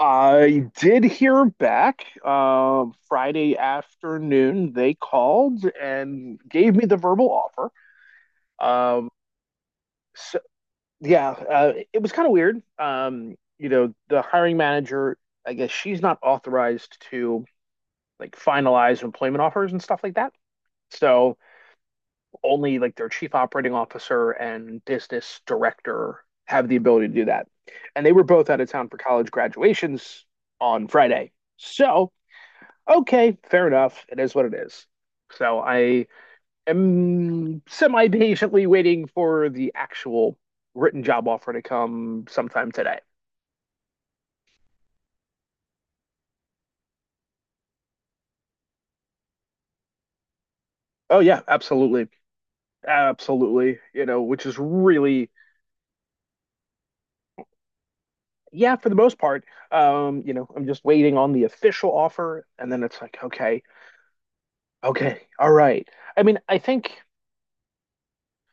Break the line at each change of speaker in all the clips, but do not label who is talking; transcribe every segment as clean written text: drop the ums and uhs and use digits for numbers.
I did hear back Friday afternoon. They called and gave me the verbal offer. Um, so yeah, it was kind of weird. You know, the hiring manager, I guess she's not authorized to like finalize employment offers and stuff like that. So only like their chief operating officer and business director have the ability to do that. And they were both out of town for college graduations on Friday. So okay, fair enough. It is what it is. So I am semi patiently waiting for the actual written job offer to come sometime today. Oh, yeah, absolutely. Absolutely. You know, which is really, yeah, for the most part, you know, I'm just waiting on the official offer. And then it's like, okay, okay, all right. I mean, I think,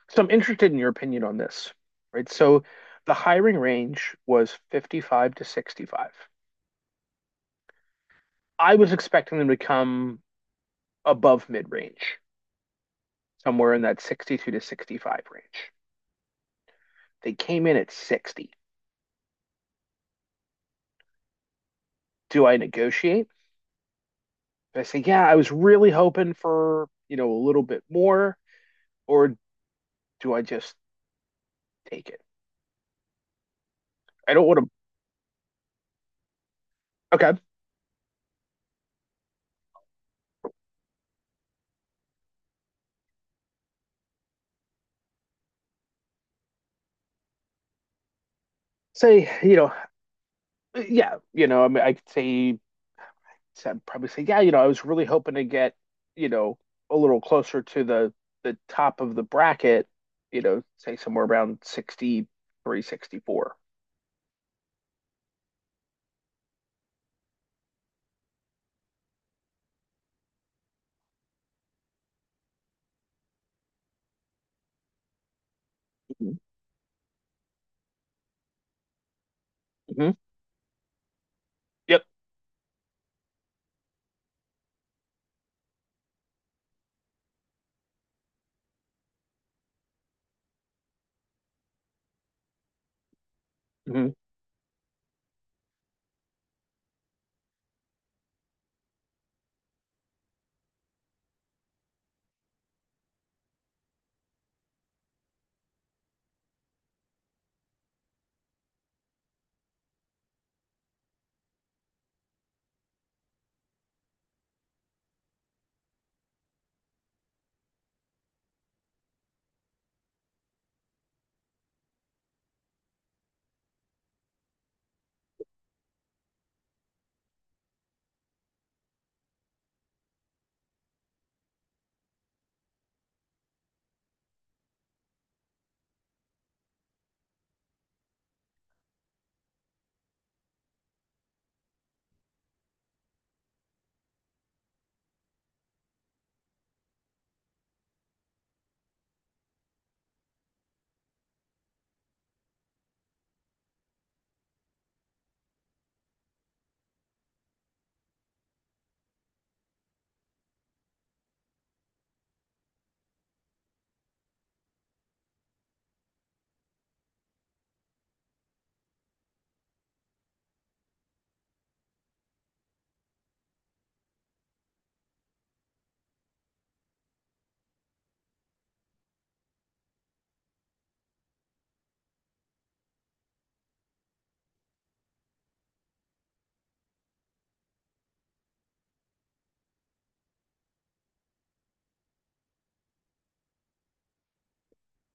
so I'm interested in your opinion on this, right? So the hiring range was 55 to 65. I was expecting them to come above mid range, somewhere in that 62 to 65 range. They came in at 60. Do I negotiate? Do I say, yeah, I was really hoping for, you know, a little bit more, or do I just take it? I don't want to, okay, say, you know, yeah, you know, I mean, I could say, I'd probably say, yeah, you know, I was really hoping to get, you know, a little closer to the top of the bracket, you know, say somewhere around 63, 64. Mm-hmm. Hmm. Yep. Hmm.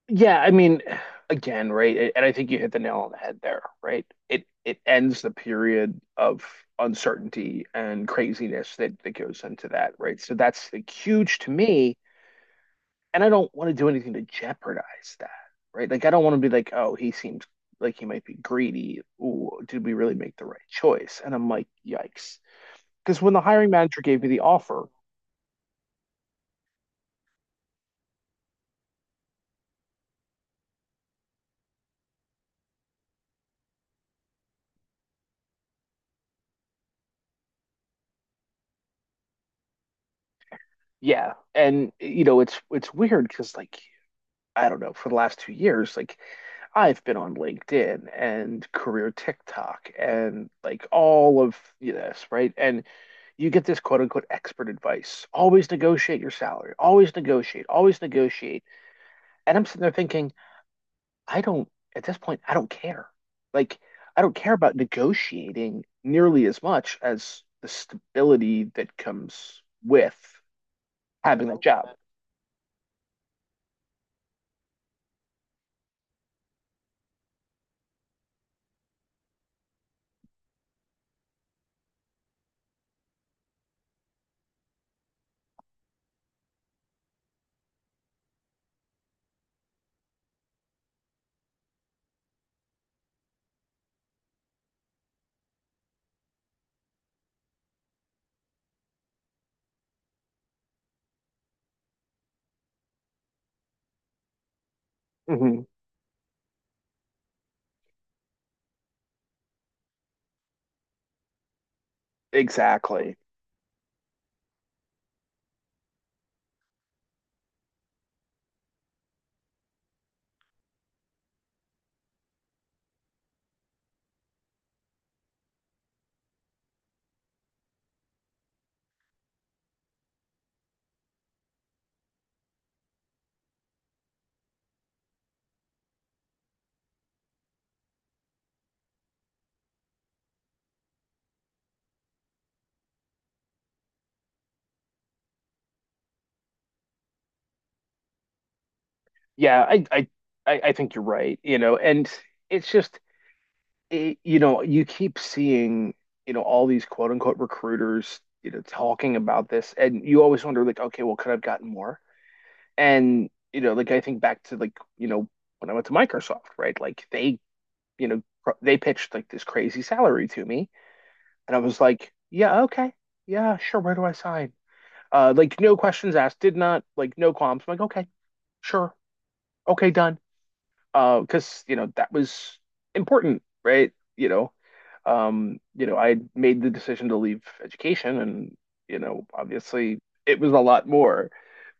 Yeah, I mean, again, right? And I think you hit the nail on the head there, right? It ends the period of uncertainty and craziness that that goes into that, right? So that's like huge to me, and I don't want to do anything to jeopardize that, right? Like I don't want to be like, oh, he seems like he might be greedy. Ooh, did we really make the right choice? And I'm like, yikes. Because when the hiring manager gave me the offer, yeah, and you know, it's weird because like I don't know, for the last 2 years, like I've been on LinkedIn and career TikTok and like all of this, right? And you get this quote unquote expert advice. Always negotiate your salary. Always negotiate. Always negotiate. And I'm sitting there thinking, I don't, at this point, I don't care. Like, I don't care about negotiating nearly as much as the stability that comes with having that job. Hmm. Exactly. Yeah, I think you're right, you know, and it's just it, you know, you keep seeing, you know, all these quote unquote recruiters, you know, talking about this, and you always wonder, like, okay, well, could I have gotten more? And, you know, like I think back to like, you know, when I went to Microsoft, right? Like they, you know, they pitched like this crazy salary to me, and I was like, yeah, okay, yeah, sure, where do I sign? Like no questions asked, did not like no qualms. I'm like, okay, sure, okay, done. Because you know that was important, right? You know, you know, I made the decision to leave education and, you know, obviously it was a lot more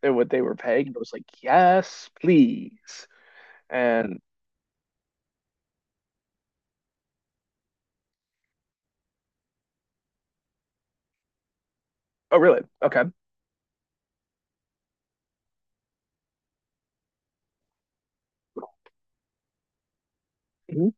than what they were paying. But I was like, yes, please. And oh, really? Okay. Hmm.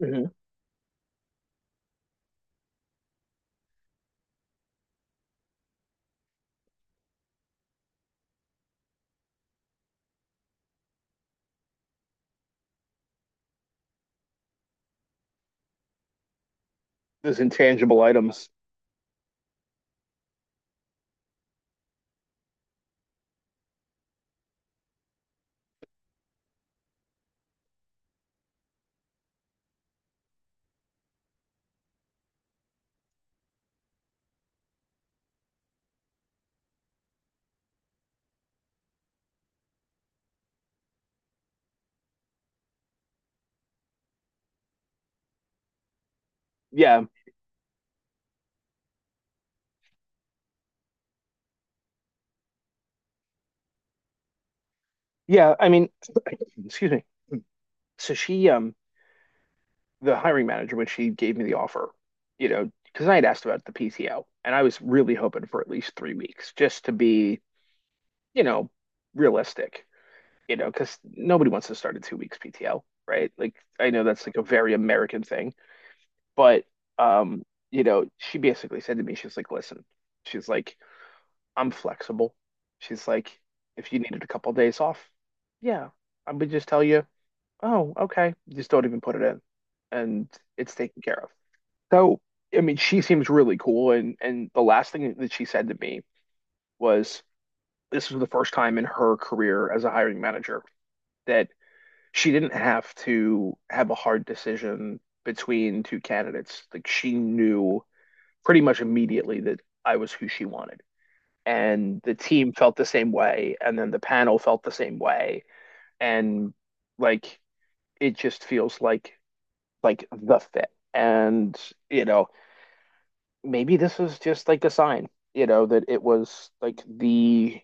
Hmm. Those intangible items. Yeah. Yeah. I mean, excuse me. So she, the hiring manager, when she gave me the offer, you know, because I had asked about the PTO and I was really hoping for at least 3 weeks just to be, you know, realistic. You know, because nobody wants to start a 2 weeks PTO, right? Like I know that's like a very American thing, but um, you know, she basically said to me, she's like, listen, she's like, I'm flexible. She's like, if you needed a couple days off, yeah, I would just tell you, oh, okay, just don't even put it in, and it's taken care of. So, I mean, she seems really cool, and the last thing that she said to me was, this was the first time in her career as a hiring manager that she didn't have to have a hard decision between two candidates. Like she knew pretty much immediately that I was who she wanted. And the team felt the same way. And then the panel felt the same way. And like it just feels like the fit. And, you know, maybe this was just like a sign, you know, that it was like the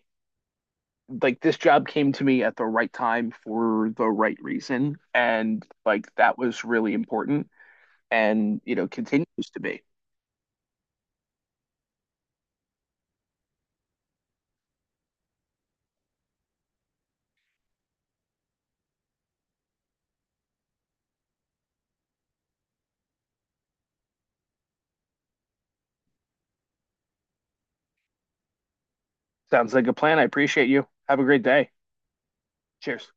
like this job came to me at the right time for the right reason and like that was really important and, you know, continues to be. Sounds like a plan. I appreciate you. Have a great day. Cheers.